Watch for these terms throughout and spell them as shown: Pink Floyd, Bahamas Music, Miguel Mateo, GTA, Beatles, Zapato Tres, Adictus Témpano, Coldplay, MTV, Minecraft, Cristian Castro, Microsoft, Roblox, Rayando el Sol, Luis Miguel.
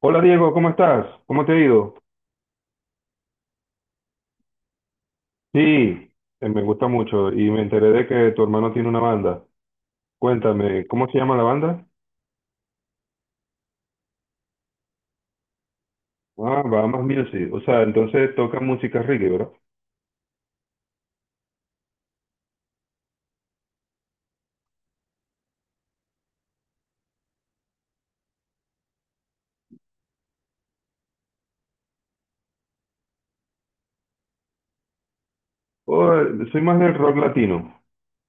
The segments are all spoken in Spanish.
Hola Diego, ¿cómo estás? ¿Cómo te ha ido? Sí, me gusta mucho y me enteré de que tu hermano tiene una banda. Cuéntame, ¿cómo se llama la banda? Ah, Bahamas Music. O sea, entonces toca música reggae, ¿verdad? Oh, soy más del rock latino.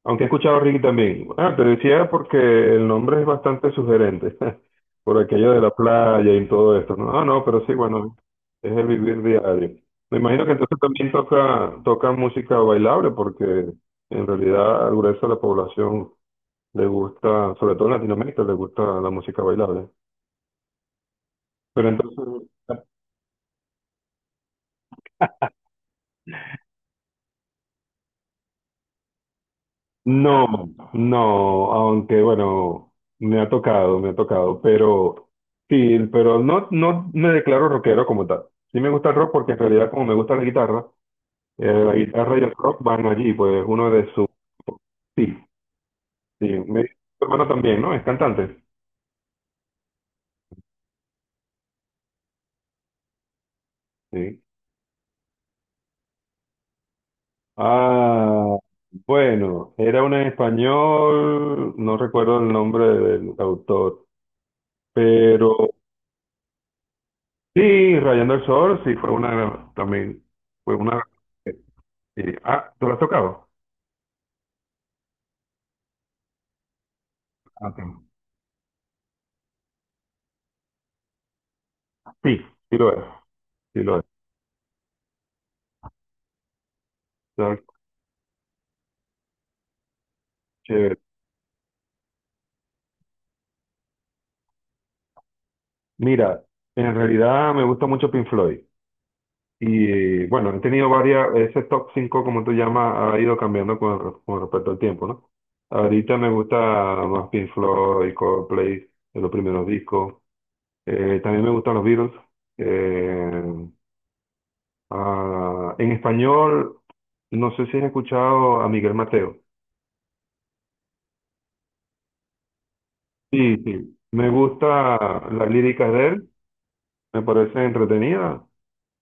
Aunque he escuchado Ricky también. Ah, te decía porque el nombre es bastante sugerente, por aquello de la playa y todo esto. No, ah, no, pero sí, bueno, es el vivir diario. Me imagino que entonces también toca música bailable, porque en realidad al grueso de la población le gusta, sobre todo en Latinoamérica, le gusta la música bailable. Pero entonces, no, no, aunque bueno, me ha tocado, pero sí, pero no, no me declaro rockero como tal. Sí me gusta el rock porque en realidad como me gusta la guitarra y el rock van allí, pues uno de sus... Sí, sí, tu hermano también, ¿no? Es cantante. Sí. Ah, bueno, era un español, no recuerdo el nombre del autor, pero sí, Rayando el Sol, sí, fue una, también, fue una. Sí. Ah, ¿tú lo has tocado? Ok. Sí, sí lo es, sí lo es. Está chévere. Mira, en realidad me gusta mucho Pink Floyd. Y bueno, he tenido varias, ese top 5, como tú llamas, ha ido cambiando con, con respecto al tiempo, ¿no? Ahorita me gusta más Pink Floyd, Coldplay, de los primeros discos. También me gustan los Beatles. Eh, en español, no sé si has escuchado a Miguel Mateo. Sí, sí. Me gusta las líricas de él. Me parece entretenida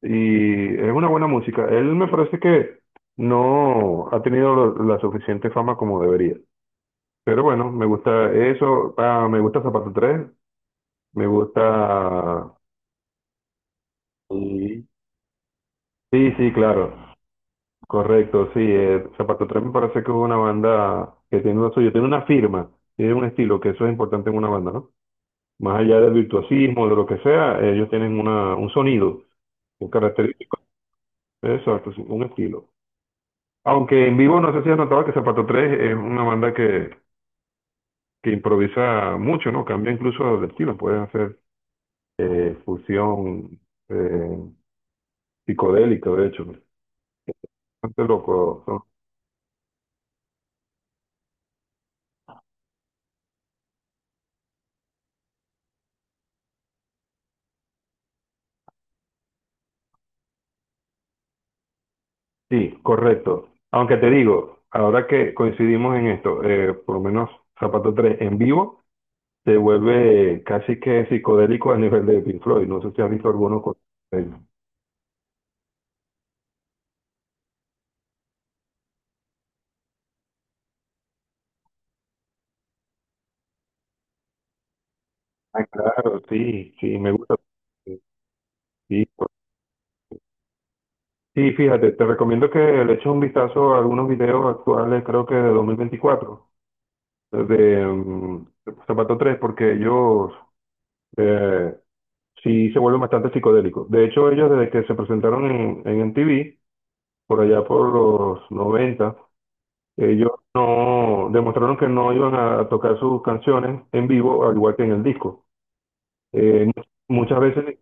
y es una buena música. Él me parece que no ha tenido la suficiente fama como debería. Pero bueno, me gusta eso, ah, me gusta Zapato tres, me gusta... Sí. Sí, sí, claro, correcto, sí. Zapato tres me parece que es una banda que tiene lo suyo, tiene una firma, tiene un estilo, que eso es importante en una banda, ¿no? Más allá del virtuosismo, de lo que sea, ellos tienen un sonido, un característico, exacto, sí, un estilo. Aunque en vivo no sé si has notado que Zapato Tres es una banda que improvisa mucho, ¿no? Cambia incluso de estilo, pueden hacer fusión eh, psicodélica, de hecho. ¿No? Bastante loco. Sí, correcto. Aunque te digo, ahora que coincidimos en esto, por lo menos Zapato Tres en vivo se vuelve casi que psicodélico a nivel de Pink Floyd. No sé si has visto algunos con... ellos. Ah, claro, sí, sí, me gusta. Sí, sí, fíjate, te recomiendo que le eches un vistazo a algunos videos actuales, creo que de 2024 de Zapato Tres, porque ellos eh, sí se vuelven bastante psicodélicos. De hecho, ellos desde que se presentaron en MTV, por allá por los 90, ellos no demostraron que no iban a tocar sus canciones en vivo, al igual que en el disco. Eh, muchas veces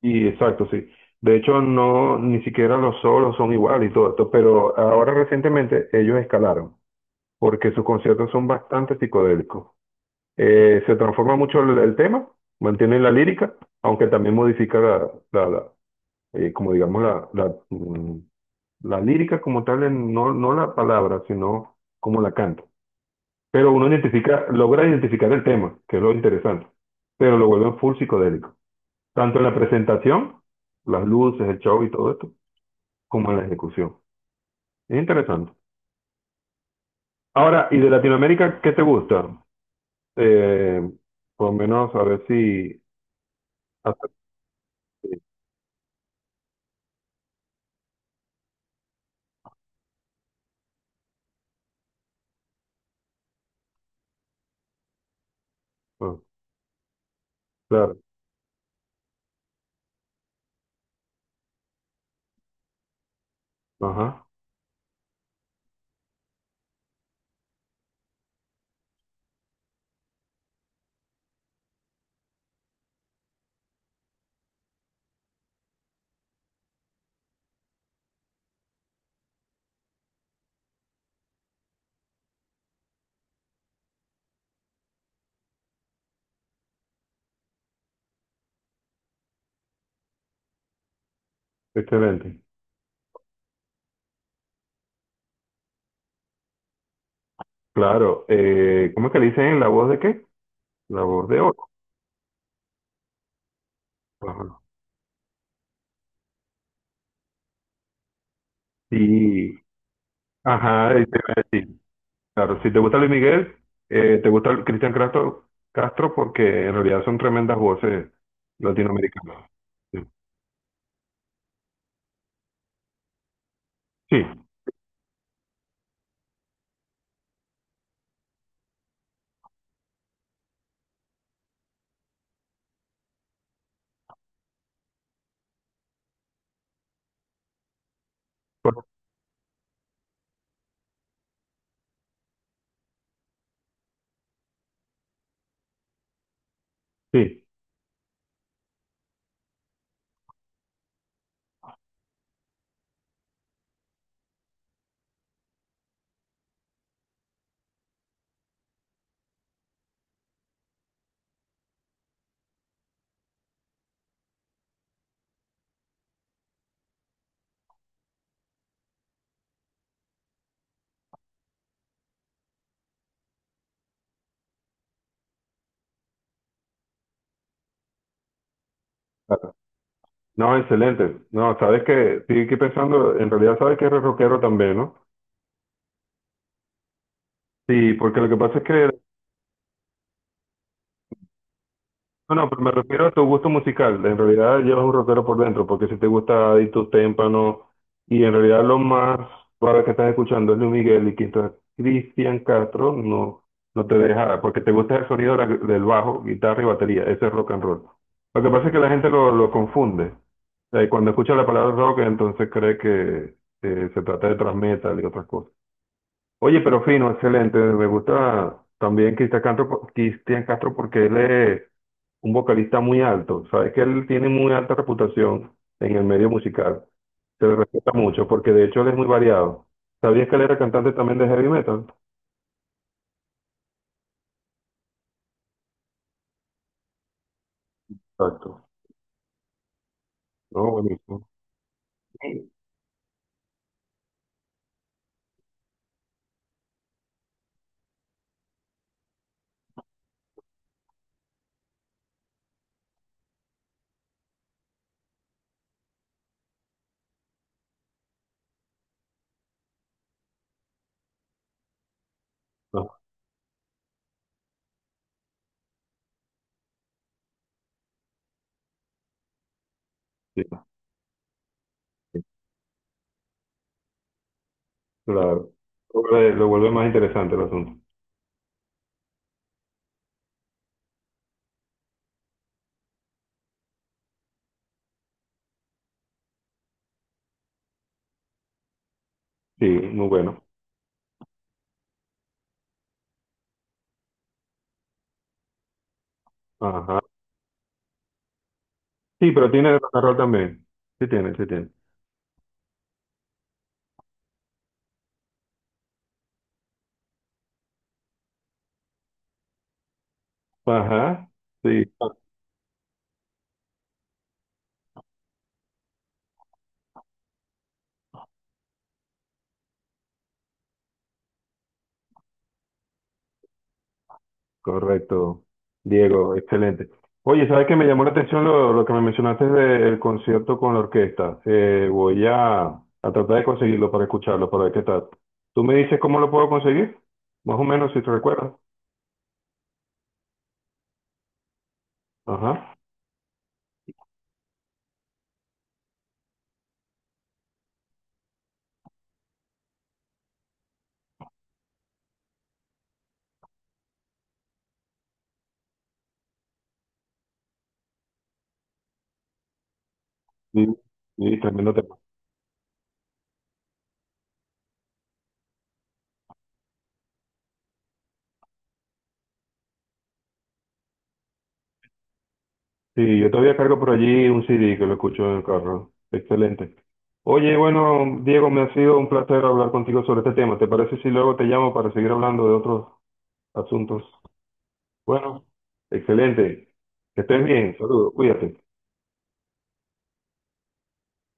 y exacto, sí. De hecho, no, ni siquiera los solos son iguales y todo esto, pero ahora recientemente ellos escalaron, porque sus conciertos son bastante psicodélicos. Se transforma mucho el tema, mantienen la lírica, aunque también modifica la, como digamos, la la lírica como tal, no, no la palabra, sino como la canta. Pero uno identifica, logra identificar el tema, que es lo interesante, pero lo vuelven full psicodélico. Tanto en la presentación, las luces, el show y todo esto, como en la ejecución. Es interesante. Ahora, ¿y de Latinoamérica qué te gusta? Eh, por lo menos a ver si... hasta- ah, claro, ajá, excelente. Claro, ¿cómo es que le dicen la voz de qué? La voz de oro. Ajá. Sí, ajá, y te iba a decir, claro, si te gusta Luis Miguel, te gusta el Cristian Castro, Castro porque en realidad son tremendas voces latinoamericanas. Sí, sí, sí, claro. No, excelente. No, sabes que, sí, aquí pensando, en realidad sabes que eres rockero también, ¿no? Sí, porque lo que pasa es que no, no, pero me refiero a tu gusto musical. En realidad llevas un rockero por dentro, porque si te gusta Adictus Témpano, y en realidad lo más para que estás escuchando es Luis Miguel y quizás Cristian Castro, no, no te deja, porque te gusta el sonido de del bajo, guitarra y batería. Ese es rock and roll. Lo que pasa es que la gente lo confunde. O sea, y cuando escucha la palabra rock, entonces cree que se trata de thrash metal y otras cosas. Oye, pero fino, excelente. Me gusta también Cristian Castro, Cristian Castro porque él es un vocalista muy alto. Sabes que él tiene muy alta reputación en el medio musical. Se le respeta mucho porque de hecho él es muy variado. ¿Sabías que él era cantante también de heavy metal? Exacto. No, buenísimo. Sí. Ah, sí, sí, claro. Lo vuelve, lo vuelve más interesante el asunto. Sí, muy bueno. Ajá. Sí, pero tiene de rock and roll también. Sí tiene, sí tiene. Ajá. Sí. Correcto, Diego, excelente. Oye, ¿sabes qué me llamó la atención lo que me mencionaste del concierto con la orquesta? Voy a tratar de conseguirlo para escucharlo, para ver qué tal. ¿Tú me dices cómo lo puedo conseguir? Más o menos, si te recuerdas. Ajá. Sí, sí, tremendo tema. Sí, yo todavía cargo por allí un CD que lo escucho en el carro. Excelente. Oye, bueno, Diego, me ha sido un placer hablar contigo sobre este tema. ¿Te parece si luego te llamo para seguir hablando de otros asuntos? Bueno, excelente. Que estés bien. Saludos. Cuídate.